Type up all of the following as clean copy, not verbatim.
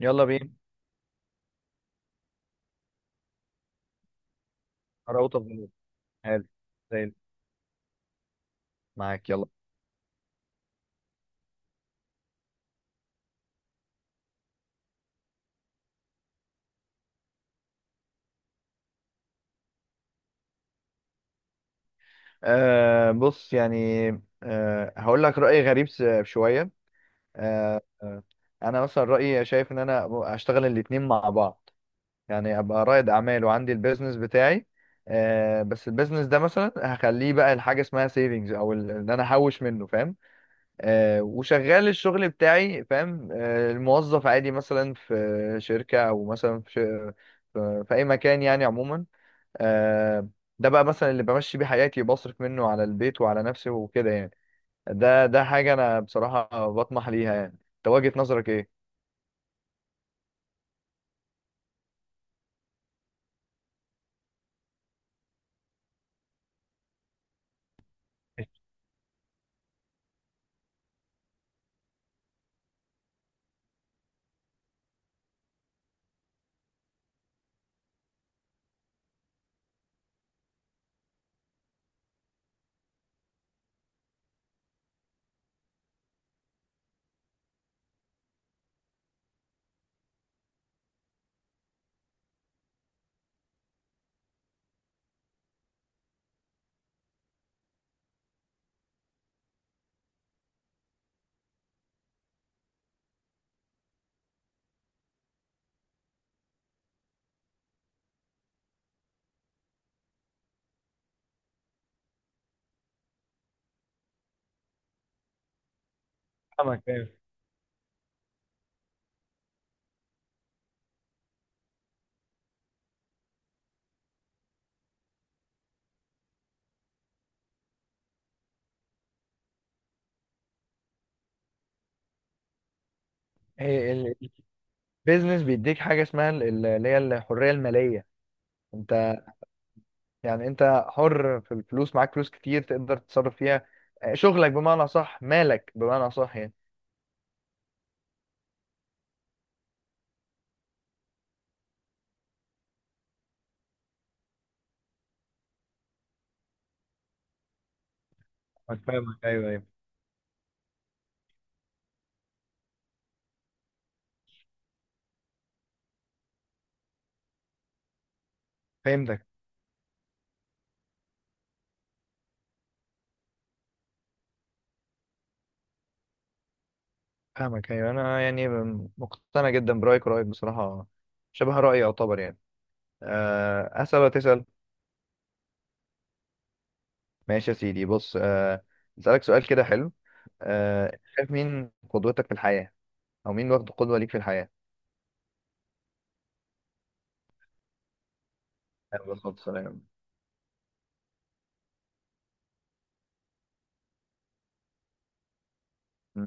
يلا بينا راوت اوف ذا حلو، زي الفل. معاك يلا. بص يعني. هقول لك رأي غريب شوية. آه آه، انا مثلا رأيي شايف ان انا اشتغل الاتنين مع بعض، يعني ابقى رائد اعمال وعندي البيزنس بتاعي. بس البيزنس ده مثلا هخليه بقى لحاجة اسمها سيفنجز او ان انا احوش منه، فاهم؟ وشغال الشغل بتاعي، فاهم؟ الموظف عادي مثلا في شركة او مثلا في اي مكان يعني عموما. آه، ده بقى مثلا اللي بمشي بيه حياتي، بصرف منه على البيت وعلى نفسي وكده يعني. ده حاجة أنا بصراحة بطمح ليها. يعني أنت وجهة نظرك إيه؟ فاهمك، أيوة. هي ال- البيزنس بيديك حاجة اسمها اللي هي الحرية المالية. انت يعني انت حر في الفلوس، معاك فلوس كتير تقدر تتصرف فيها. شغلك بمعنى صح، مالك بمعنى صح يعني. فاهمك فاهمك، أيوة أيوة. فهمتك. فاهمك ايوه. انا يعني مقتنع جدا برأيك، ورأيك بصراحة شبه رأيي يعتبر يعني. أه، أسأل ولا تسأل؟ ماشي يا سيدي. بص اسالك سؤال كده حلو. شايف مين قدوتك في الحياه، او مين واخد قدوه ليك في الحياه؟ عليه الصلاه والسلام. م.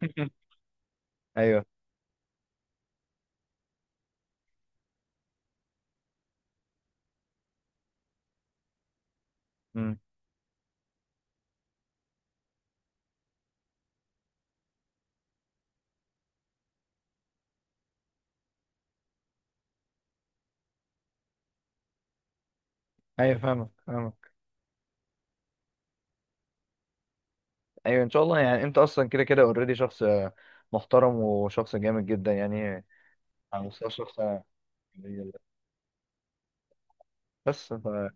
ايوه. م. ايوه فاهمك فاهمك. ايوه ان شاء الله. يعني انت اصلا كده كده اوريدي شخص محترم وشخص جامد جدا يعني. على مستوى الشخص بس ف-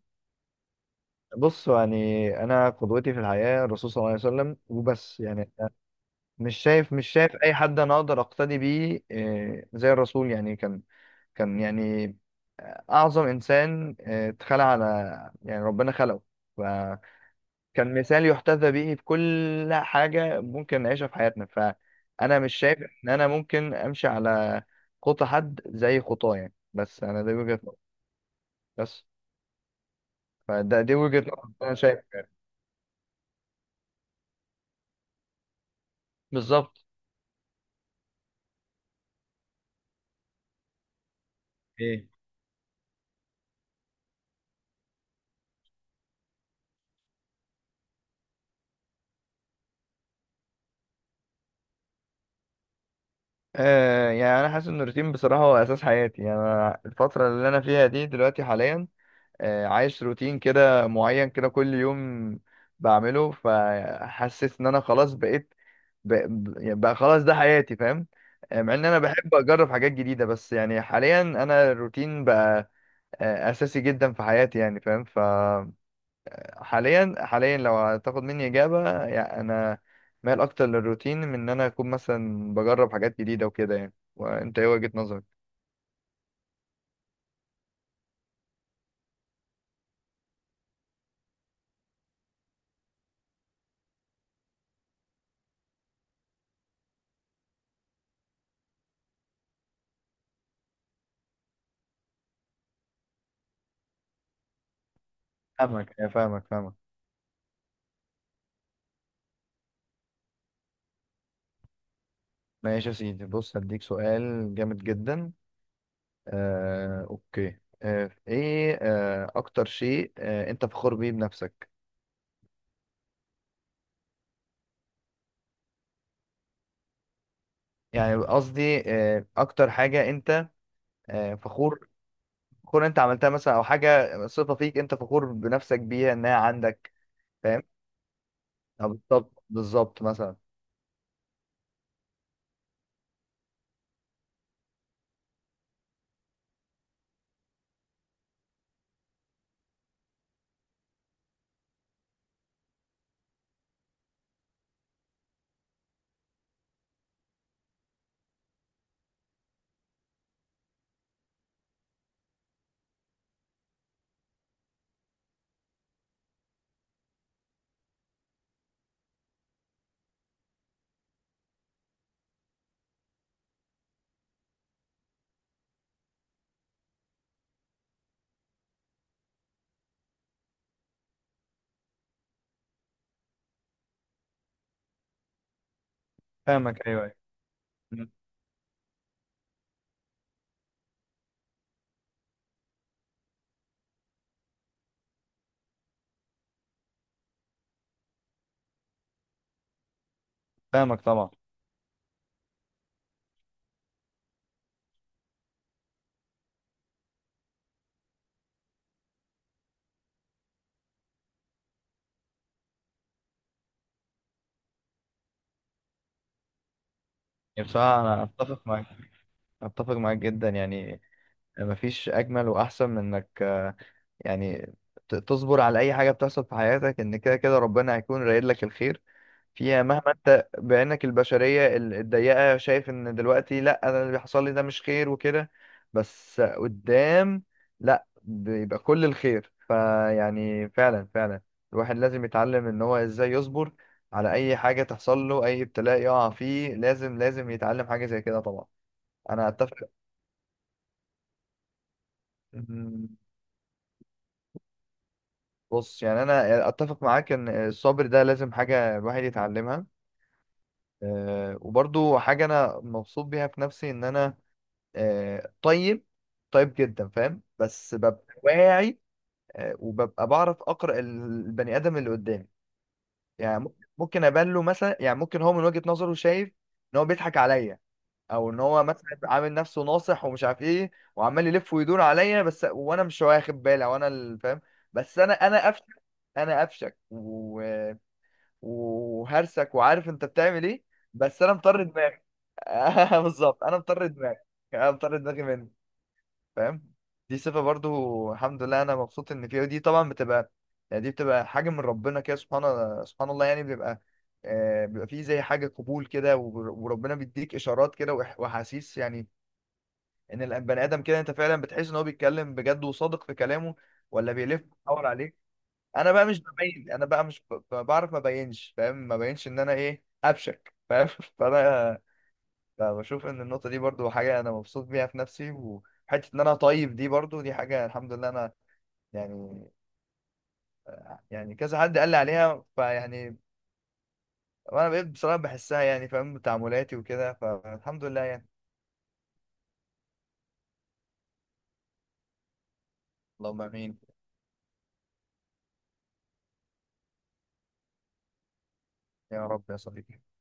بص يعني انا قدوتي في الحياه الرسول صلى الله عليه وسلم، وبس يعني. أنا مش شايف اي حد انا اقدر اقتدي بيه زي الرسول. يعني كان يعني أعظم إنسان اتخلق على، يعني ربنا خلقه، فكان مثال يحتذى به في كل حاجة ممكن نعيشها في حياتنا. فأنا مش شايف إن أنا ممكن أمشي على خطى حد زي خطاه يعني. بس أنا دي وجهة نظري. بس فده دي وجهة نظري، أنا شايف يعني. بالظبط. ايه؟ يعني أنا حاسس إن الروتين بصراحة هو أساس حياتي. يعني أنا الفترة اللي أنا فيها دي دلوقتي حاليا عايش روتين كده معين كده كل يوم بعمله، فحسيت ان انا خلاص بقى, بقى خلاص ده حياتي، فاهم؟ مع ان انا بحب اجرب حاجات جديدة، بس يعني حاليا انا الروتين بقى اساسي جدا في حياتي يعني، فاهم؟ حاليا لو هتاخد مني اجابة، يعني انا مايل اكتر للروتين من ان انا اكون مثلا بجرب حاجات جديدة وكده يعني. وانت ايه وجهة نظرك؟ فاهمك فاهمك فاهمك. ماشي يا سيدي، بص هديك سؤال جامد جدا. اوكي، آه، ايه آه، اكتر شيء انت فخور بيه بنفسك؟ يعني قصدي اكتر حاجة انت فخور، فخور انت عملتها مثلا، او حاجة صفة فيك انت فخور بنفسك بيها انها عندك، فاهم؟ أو بالظبط بالظبط مثلا. فاهمك ايوه ايوه. مم. فاهمك طبعا. يعني بصراحة انا اتفق معاك، اتفق معاك جدا يعني. مفيش اجمل واحسن من انك يعني تصبر على اي حاجة بتحصل في حياتك، ان كده كده ربنا هيكون رايد لك الخير فيها، مهما انت بعينك البشرية الضيقة شايف ان دلوقتي لا انا اللي بيحصل لي ده مش خير وكده، بس قدام لا بيبقى كل الخير فيعني فعلا فعلا الواحد لازم يتعلم ان هو ازاي يصبر على اي حاجة تحصل له، اي ابتلاء يقع فيه لازم يتعلم حاجة زي كده طبعا. انا اتفق. مم، بص يعني انا اتفق معاك ان الصبر ده لازم حاجة الواحد يتعلمها. أه، وبرضو حاجة انا مبسوط بيها في نفسي، ان انا طيب، طيب جدا فاهم، بس ببقى واعي وببقى بعرف اقرا البني ادم اللي قدامي. يعني ممكن ابان له مثلا، يعني ممكن هو من وجهة نظره شايف ان هو بيضحك عليا، او ان هو مثلا عامل نفسه ناصح ومش عارف ايه، وعمال يلف ويدور عليا بس، وانا مش واخد بالي، وانا اللي فاهم. بس انا قفشه، انا قفشك و... وهرسك وعارف انت بتعمل ايه، بس انا مطر دماغي. بالظبط انا مطر دماغي، انا مطر دماغي منك، فاهم؟ دي صفة برضو الحمد لله انا مبسوط ان فيها، ودي طبعا بتبقى يعني، دي بتبقى حاجة من ربنا كده. سبحان الله يعني. بيبقى بيبقى فيه زي حاجة قبول كده، وربنا بيديك إشارات كده وأحاسيس يعني إن البني آدم كده أنت فعلا بتحس إن هو بيتكلم بجد وصادق في كلامه، ولا بيلف ويدور عليك. أنا بقى مش ببين، أنا بقى مش ب- ب- بعرف ما بينش، فاهم؟ ما بينش إن أنا إيه أبشك، فاهم؟ فأنا فبشوف ان النقطه دي برضو حاجه انا مبسوط بيها في نفسي، وحته ان انا طيب دي برضو دي حاجه الحمد لله انا يعني، يعني كذا حد قال لي عليها، فيعني وانا بقيت بصراحه بحسها يعني، فاهم؟ تعاملاتي وكده، فالحمد لله يعني. اللهم امين. يا رب يا صديقي.